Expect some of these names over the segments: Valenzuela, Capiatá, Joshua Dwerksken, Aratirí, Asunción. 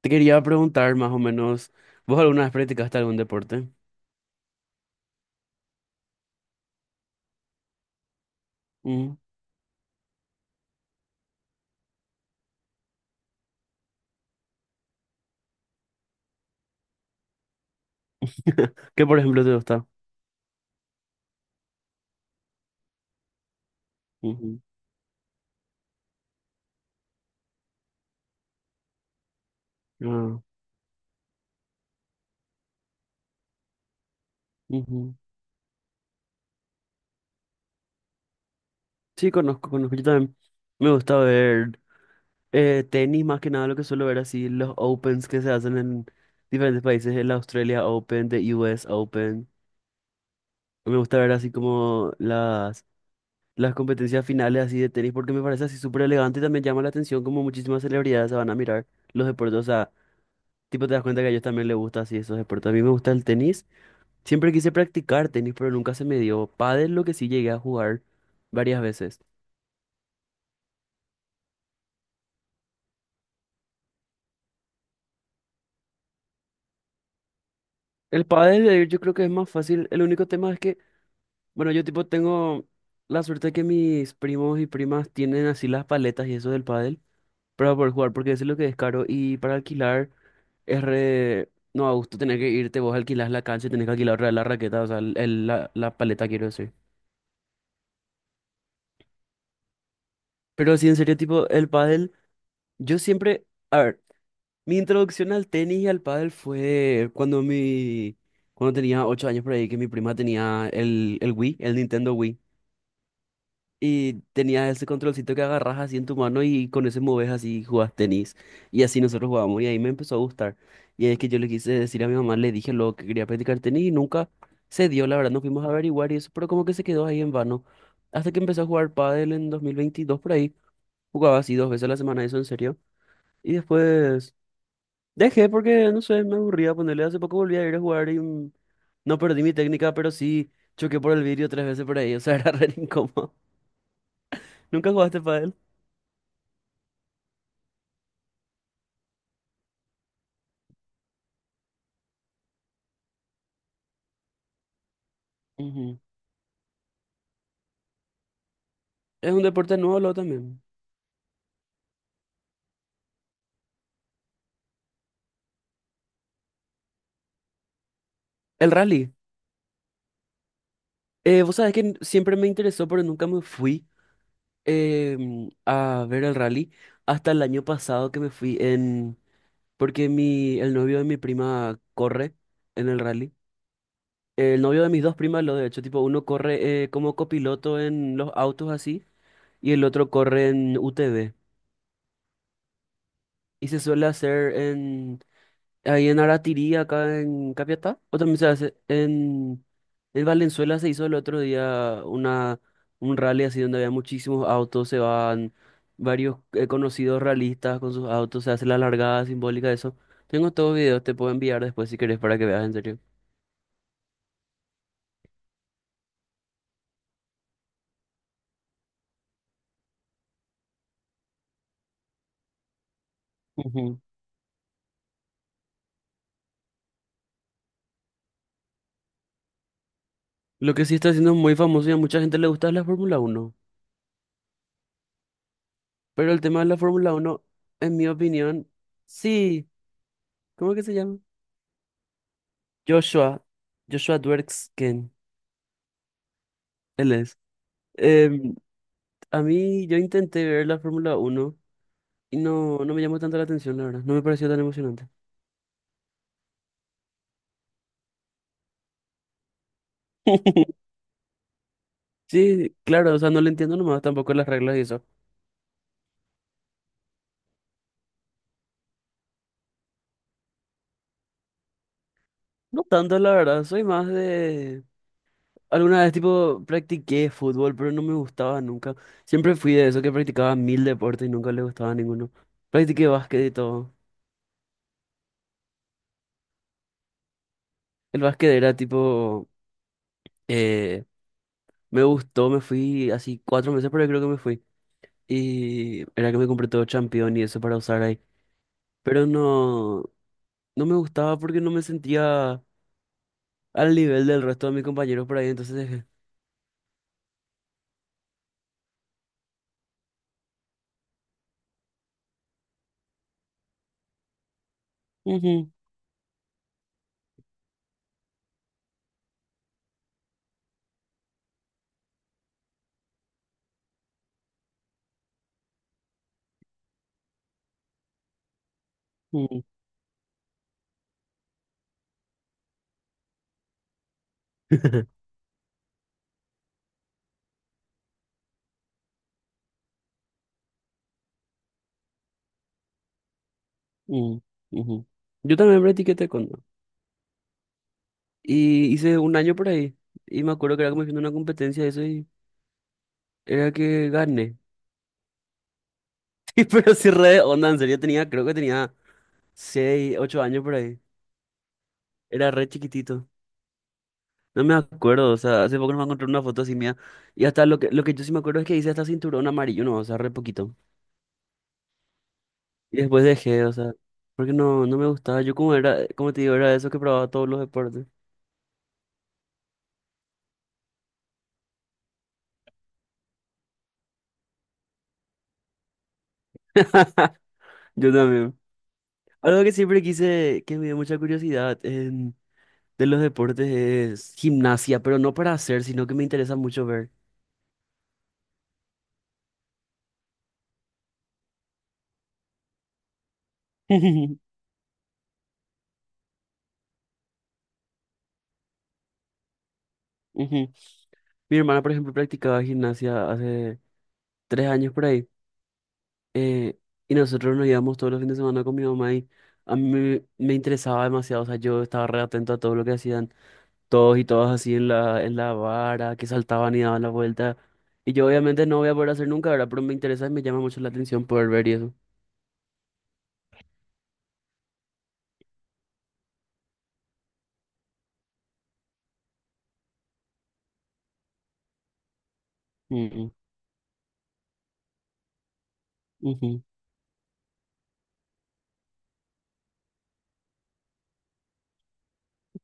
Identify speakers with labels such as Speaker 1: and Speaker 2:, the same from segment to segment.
Speaker 1: Te quería preguntar más o menos, ¿vos alguna vez practicaste algún deporte? Ujú. ¿Qué por ejemplo te gusta? Ujú. Ah, ujú. Sí, conozco, conozco. Yo también me gusta ver tenis, más que nada lo que suelo ver así, los Opens que se hacen en diferentes países, el Australia Open, the US Open. Me gusta ver así como las competencias finales así de tenis porque me parece así súper elegante y también llama la atención como muchísimas celebridades se van a mirar los deportes, o sea, tipo te das cuenta que a ellos también les gusta así esos deportes. A mí me gusta el tenis. Siempre quise practicar tenis, pero nunca se me dio. Pádel lo que sí llegué a jugar varias veces. El pádel de ir yo creo que es más fácil. El único tema es que, bueno, yo tipo tengo la suerte que mis primos y primas tienen así las paletas y eso del pádel para poder jugar, porque eso es lo que es caro. Y para alquilar es re... No, a gusto tener que irte, vos alquilás la cancha y tenés que alquilar otra vez la raqueta, o sea, la paleta quiero decir. Pero sí, en serio, tipo, el pádel, yo siempre... A ver. Mi introducción al tenis y al pádel fue cuando cuando tenía 8 años por ahí, que mi prima tenía el Wii, el Nintendo Wii, y tenía ese controlcito que agarras así en tu mano y con ese moves así y jugás tenis. Y así nosotros jugábamos y ahí me empezó a gustar. Y es que yo le quise decir a mi mamá, le dije lo que quería practicar tenis y nunca se dio, la verdad, nos fuimos a averiguar y eso, pero como que se quedó ahí en vano. Hasta que empecé a jugar pádel en 2022 por ahí, jugaba así 2 veces a la semana, eso en serio. Y después... Dejé porque, no sé, me aburría ponerle. Hace poco volví a ir a jugar y mm, no perdí mi técnica, pero sí choqué por el vidrio 3 veces por ahí. O sea, era re incómodo. ¿Nunca jugaste pádel? Ujú. Es un deporte nuevo, lo también. El rally. Vos sabés que siempre me interesó, pero nunca me fui a ver el rally hasta el año pasado que me fui en... Porque el novio de mi prima corre en el rally. El novio de mis dos primas, lo de hecho, tipo, uno corre como copiloto en los autos así. Y el otro corre en UTV. Y se suele hacer en ahí en Aratirí, acá en Capiatá, o también se hace en Valenzuela se hizo el otro día un rally así donde había muchísimos autos, se van varios conocidos realistas con sus autos, se hace la largada simbólica de eso. Tengo todos los videos, te puedo enviar después si querés para que veas en serio. Ujú. Lo que sí está siendo muy famoso y a mucha gente le gusta es la Fórmula 1. Pero el tema de la Fórmula 1, en mi opinión, sí. ¿Cómo que se llama? Joshua, Joshua Dwerksken, él es. Em, a mí, yo intenté ver la Fórmula 1 y no, no me llamó tanto la atención, la verdad. No me pareció tan emocionante. Sí, claro, o sea, no le entiendo nomás tampoco las reglas y eso. No tanto, la verdad, soy más de... Alguna vez, tipo, practiqué fútbol, pero no me gustaba nunca. Siempre fui de eso que practicaba mil deportes y nunca le gustaba ninguno. Practiqué básquet y todo. El básquet era tipo... eh, me gustó, me fui así 4 meses, pero yo creo que me fui. Y era que me compré todo Champion y eso para usar ahí. Pero no, no me gustaba porque no me sentía al nivel del resto de mis compañeros por ahí. Entonces dejé. "Ujú, ujú, ujú, ujú". Yo también practiqué taekwondo. Y hice un año por ahí. Y me acuerdo que era como haciendo una competencia de eso y era que gané. Sí, pero sí re de onda, en serio tenía, creo que tenía 6 8 años por ahí. Era re chiquitito. No me acuerdo, o sea, hace poco no me encontré una foto así mía. Y hasta lo que yo sí me acuerdo es que hice hasta cinturón amarillo, no, o sea, re poquito. Y después dejé, o sea, porque no, no me gustaba. Yo como era, como te digo, era de esos que probaba todos los deportes. Yo también. Algo que siempre quise, que me dio mucha curiosidad de los deportes es gimnasia, pero no para hacer, sino que me interesa mucho ver. Ujú. Mi hermana, por ejemplo, practicaba gimnasia hace 3 años por ahí. Eh, y nosotros nos íbamos todos los fines de semana con mi mamá y a mí me interesaba demasiado, o sea, yo estaba re atento a todo lo que hacían todos y todas así en en la vara, que saltaban y daban la vuelta. Y yo obviamente no voy a poder hacer nunca, ¿verdad? Pero me interesa y me llama mucho la atención poder ver y eso. Mm, ujú.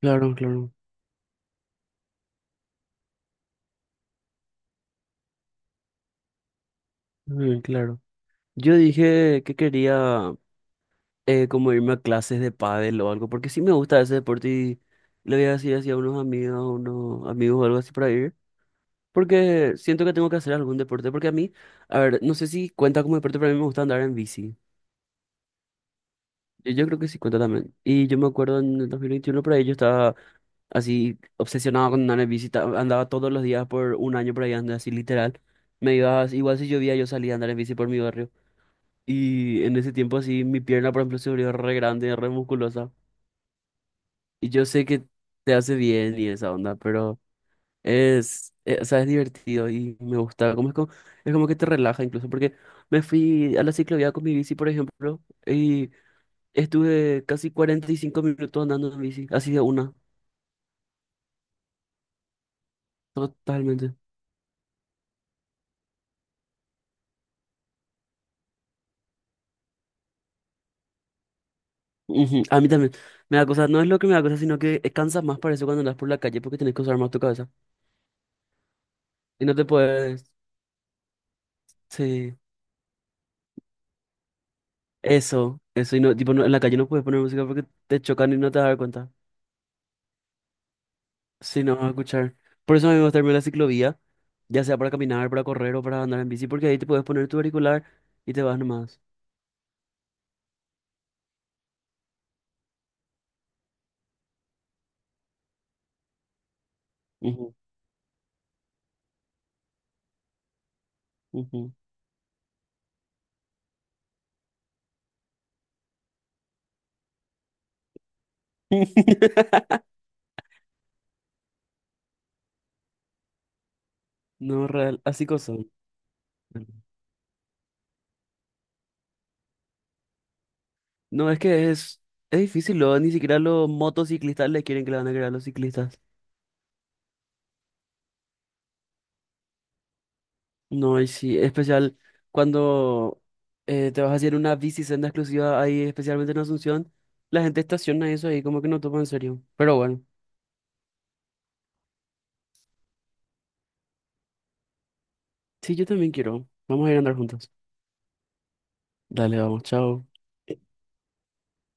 Speaker 1: Claro, claro, mm, claro. Yo dije que quería como irme a clases de pádel o algo, porque sí me gusta ese deporte y le voy a decir así a unos amigos o algo así para ir. Porque siento que tengo que hacer algún deporte. Porque a mí, a ver, no sé si cuenta como deporte, pero a mí me gusta andar en bici. Yo creo que sí cuenta también. Y yo me acuerdo en el 2021 por ahí, yo estaba así obsesionado con andar en bici. Andaba todos los días por un año por ahí, andaba así literal. Me iba, igual si llovía, yo salía a andar en bici por mi barrio. Y en ese tiempo así, mi pierna, por ejemplo, se volvió re grande, re musculosa. Y yo sé que te hace bien y esa onda, es, o sea, es divertido y me gusta. Como es, como, es como que te relaja incluso, porque me fui a la ciclovía con mi bici, por ejemplo, y estuve casi 45 minutos andando en bici, así de una, totalmente. Ujú, a mí también. Me da cosa, no es lo que me da cosa, sino que cansa más para eso cuando andas por la calle porque tenés que usar más tu cabeza. Y no te puedes. Sí, eso, eso. Y no, tipo, en la calle no puedes poner música porque te chocan y no te das cuenta. Sí, no vas a escuchar. Por eso a mí me gusta irme a la ciclovía, ya sea para caminar, para correr o para andar en bici, porque ahí te puedes poner tu auricular y te vas nomás. Ujú, ujú. No, real, así cosas. No, es que es difícil, luego ni siquiera los motociclistas le quieren que le van a creer a los ciclistas. No, y sí, especial cuando te vas a hacer una bici senda exclusiva ahí, especialmente en Asunción, la gente estaciona eso ahí, como que no toma en serio. Pero bueno, sí, yo también quiero. Vamos a ir a andar juntos. Dale, vamos, chao.